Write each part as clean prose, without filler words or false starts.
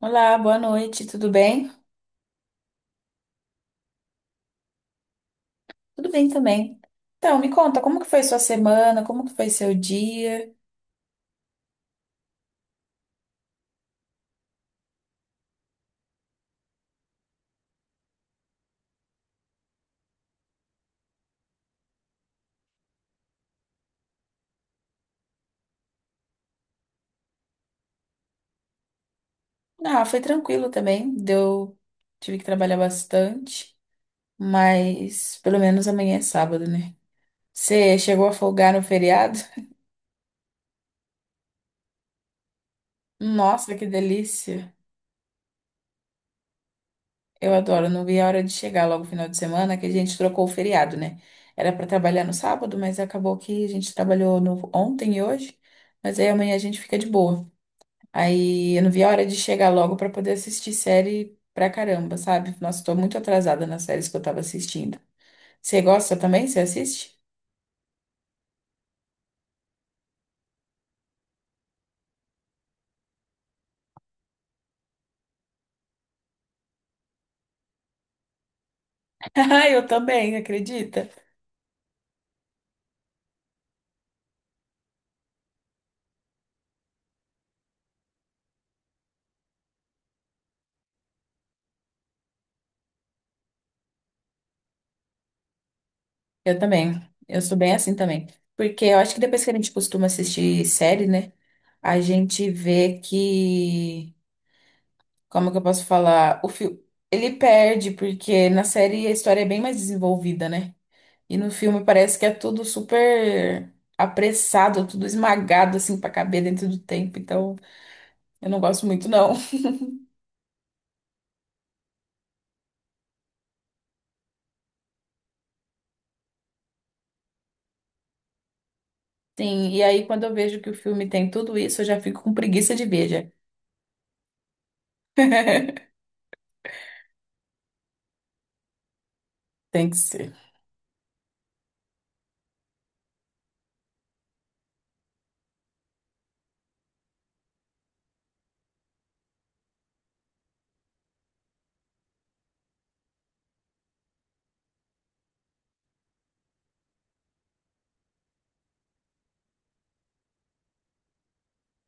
Olá, boa noite, tudo bem? Tudo bem também. Então, me conta, como que foi sua semana? Como que foi seu dia? Ah, foi tranquilo também. Deu, tive que trabalhar bastante, mas pelo menos amanhã é sábado, né? Você chegou a folgar no feriado? Nossa, que delícia! Eu adoro, não vi a hora de chegar logo no final de semana, que a gente trocou o feriado, né? Era para trabalhar no sábado, mas acabou que a gente trabalhou no ontem e hoje, mas aí amanhã a gente fica de boa. Aí eu não vi a hora de chegar logo pra poder assistir série pra caramba, sabe? Nossa, tô muito atrasada nas séries que eu tava assistindo. Você gosta também? Você assiste? Ah, eu também, acredita? Eu também. Eu sou bem assim também. Porque eu acho que depois que a gente costuma assistir série, né? A gente vê que. Como que eu posso falar? O filme. Ele perde, porque na série a história é bem mais desenvolvida, né? E no filme parece que é tudo super apressado, tudo esmagado assim pra caber dentro do tempo. Então, eu não gosto muito não. Sim, e aí quando eu vejo que o filme tem tudo isso, eu já fico com preguiça de ver, já. Tem que ser.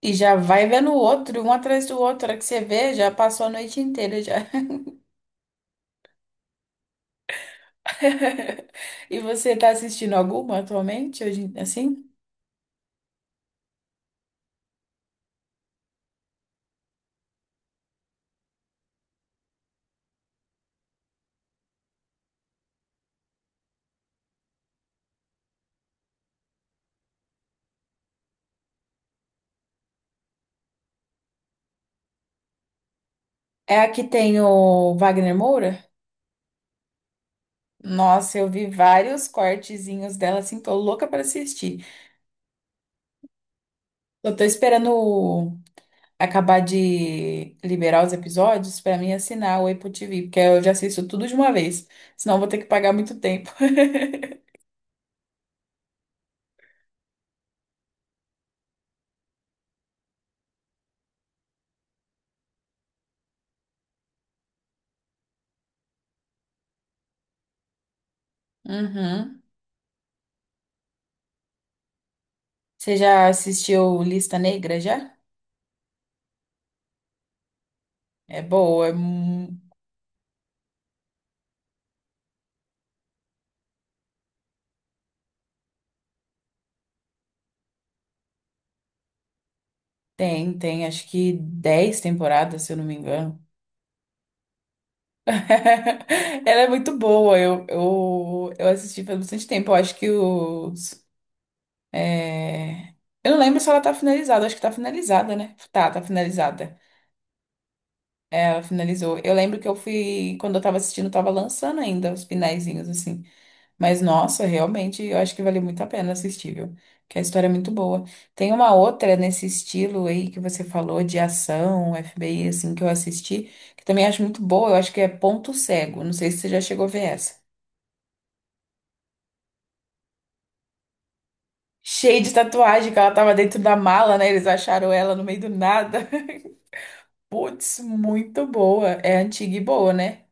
E já vai vendo o outro, um atrás do outro. A hora que você vê, já passou a noite inteira já. E você tá assistindo alguma atualmente, hoje, assim? É a que tem o Wagner Moura? Nossa, eu vi vários cortezinhos dela, assim, tô louca pra assistir. Eu tô esperando o acabar de liberar os episódios pra mim é assinar o Apple TV, porque eu já assisto tudo de uma vez, senão eu vou ter que pagar muito tempo. Uhum. Você já assistiu Lista Negra já? É boa, é... mu- Tem, tem, acho que 10 temporadas, se eu não me engano. Ela é muito boa, eu assisti faz bastante tempo, eu acho que os... é, Eu não lembro se ela tá finalizada, acho que tá finalizada, né? Tá, tá finalizada. Ela finalizou. Eu lembro que eu fui, quando eu tava assistindo, eu tava lançando ainda os finalzinhos, assim. Mas, nossa, realmente, eu acho que valeu muito a pena assistir, viu? Porque a história é muito boa. Tem uma outra nesse estilo aí que você falou de ação, FBI, assim, que eu assisti, que também acho muito boa. Eu acho que é Ponto Cego. Não sei se você já chegou a ver essa. Cheia de tatuagem, que ela tava dentro da mala, né? Eles acharam ela no meio do nada. Putz, muito boa. É antiga e boa, né?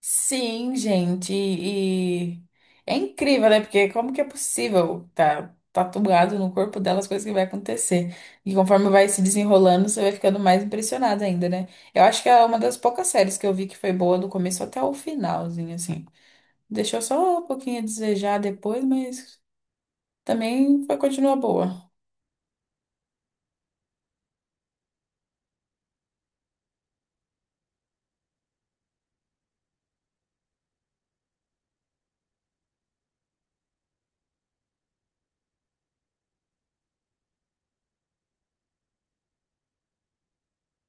Sim, gente, e é incrível, né? Porque como que é possível tá tatuado no corpo dela as coisas que vai acontecer? E conforme vai se desenrolando, você vai ficando mais impressionado ainda, né? Eu acho que é uma das poucas séries que eu vi que foi boa do começo até o finalzinho, assim. Deixou só um pouquinho a desejar depois, mas também foi, continua boa.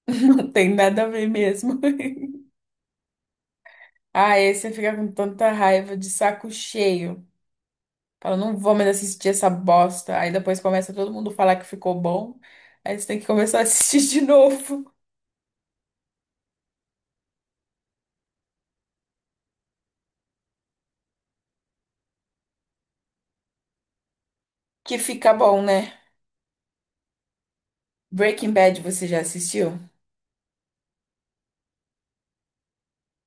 Não tem nada a ver mesmo. Ah, esse fica com tanta raiva de saco cheio. Fala, não vou mais assistir essa bosta. Aí depois começa todo mundo falar que ficou bom. Aí você tem que começar a assistir de novo. Que fica bom, né? Breaking Bad, você já assistiu?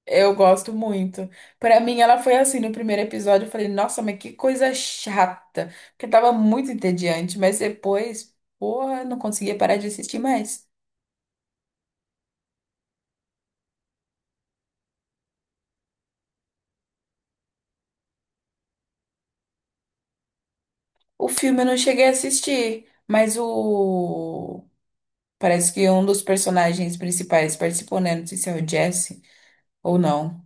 Eu gosto muito. Pra mim, ela foi assim no primeiro episódio. Eu falei, nossa, mas que coisa chata. Porque tava muito entediante. Mas depois, porra, não conseguia parar de assistir mais. O filme eu não cheguei a assistir. Mas o. Parece que um dos personagens principais participou, né? Não sei se é o Jesse ou não.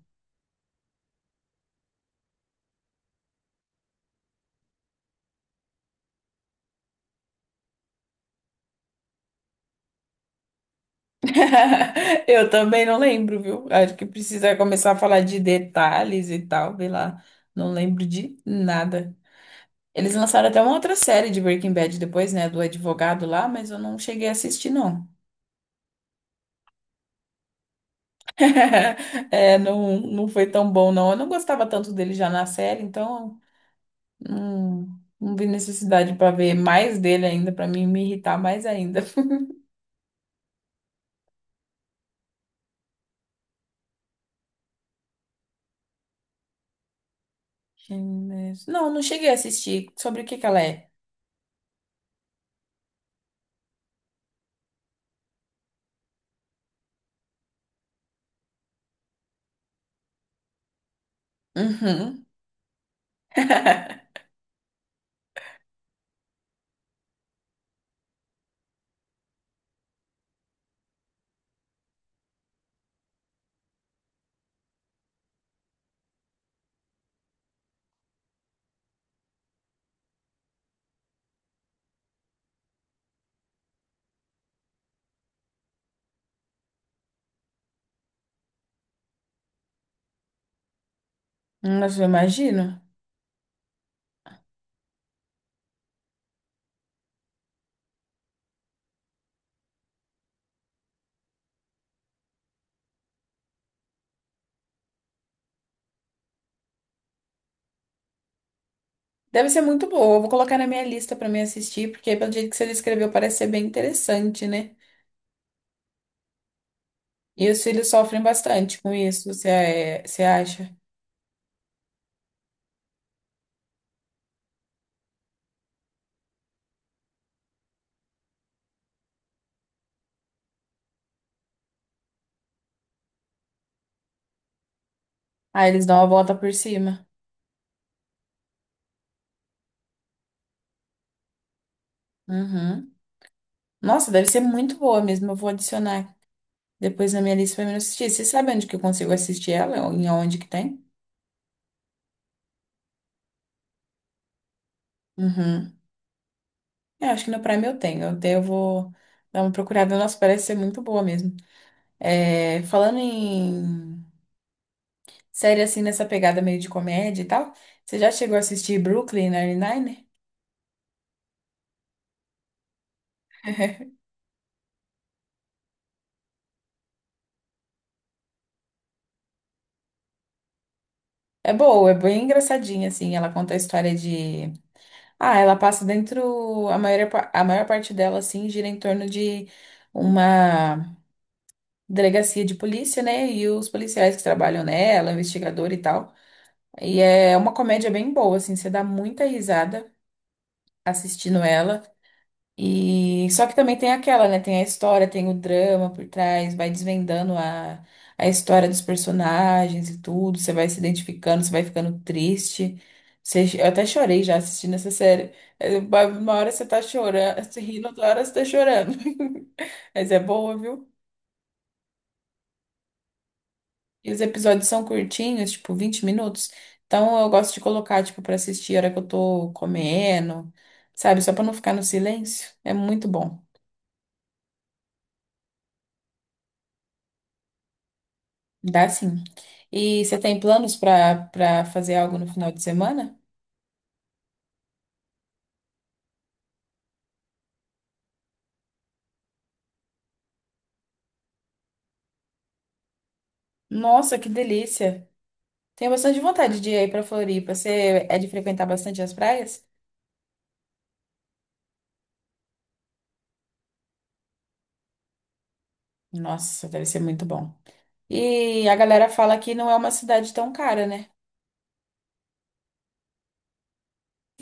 Eu também não lembro, viu? Acho que precisa começar a falar de detalhes e tal, sei lá. Não lembro de nada. Eles lançaram até uma outra série de Breaking Bad depois, né? Do advogado lá, mas eu não cheguei a assistir, não. É, não, não foi tão bom, não. Eu não gostava tanto dele já na série, então não, não vi necessidade pra ver mais dele ainda, pra mim me irritar mais ainda. Não, não cheguei a assistir. Sobre o que que ela é? Uhum. Nossa, eu imagino. Deve ser muito boa. Eu vou colocar na minha lista pra me assistir, porque pelo jeito que você descreveu, parece ser bem interessante, né? E os filhos sofrem bastante com isso, você, é- Você acha? Ah, eles dão a volta por cima. Uhum. Nossa, deve ser muito boa mesmo. Eu vou adicionar depois na minha lista pra me assistir. Você sabe onde que eu consigo assistir ela? Em onde que tem? Uhum. Eu acho que no Prime eu tenho. Até eu vou dar uma procurada. Nossa, parece ser muito boa mesmo. É, falando em série assim nessa pegada meio de comédia e tal. Você já chegou a assistir Brooklyn Nine-Nine? É boa, é bem engraçadinha, assim. Ela conta a história de. Ah, ela passa dentro. A maior, a maior parte dela, assim, gira em torno de uma delegacia de polícia, né? E os policiais que trabalham nela, investigador e tal. E é uma comédia bem boa, assim. Você dá muita risada assistindo ela. E só que também tem aquela, né? Tem a história, tem o drama por trás, vai desvendando a história dos personagens e tudo. Você vai se identificando, você vai ficando triste. Eu até chorei já assistindo essa série. Uma hora você tá chorando, você rindo, outra hora você tá chorando. Mas é boa, viu? E os episódios são curtinhos, tipo 20 minutos. Então eu gosto de colocar, tipo, pra assistir a hora que eu tô comendo, sabe? Só pra não ficar no silêncio. É muito bom. Dá sim. E você tem planos para fazer algo no final de semana? Nossa, que delícia! Tenho bastante vontade de ir aí para Floripa. Você é de frequentar bastante as praias? Nossa, deve ser muito bom. E a galera fala que não é uma cidade tão cara, né?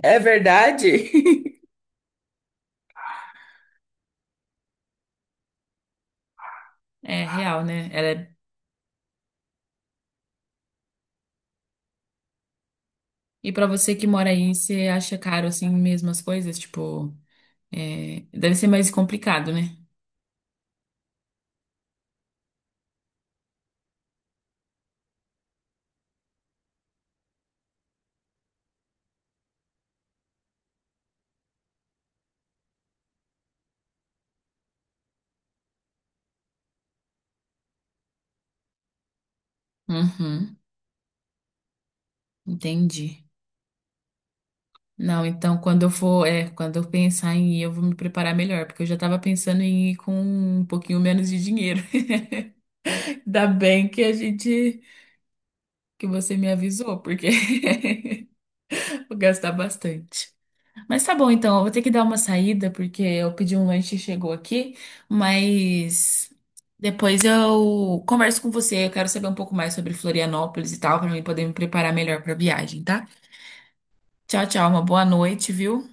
É verdade? É real, né? Ela é- E pra você que mora aí, você acha caro assim mesmo as coisas? Tipo, é, deve ser mais complicado, né? Uhum, entendi. Não, então quando eu for, é, quando eu pensar em ir, eu vou me preparar melhor, porque eu já tava pensando em ir com um pouquinho menos de dinheiro. Ainda bem que a gente, que você me avisou, porque vou gastar bastante. Mas tá bom, então, eu vou ter que dar uma saída, porque eu pedi um lanche e chegou aqui, mas depois eu converso com você, eu quero saber um pouco mais sobre Florianópolis e tal, pra mim poder me preparar melhor pra viagem, tá? Tchau, tchau, uma boa noite, viu?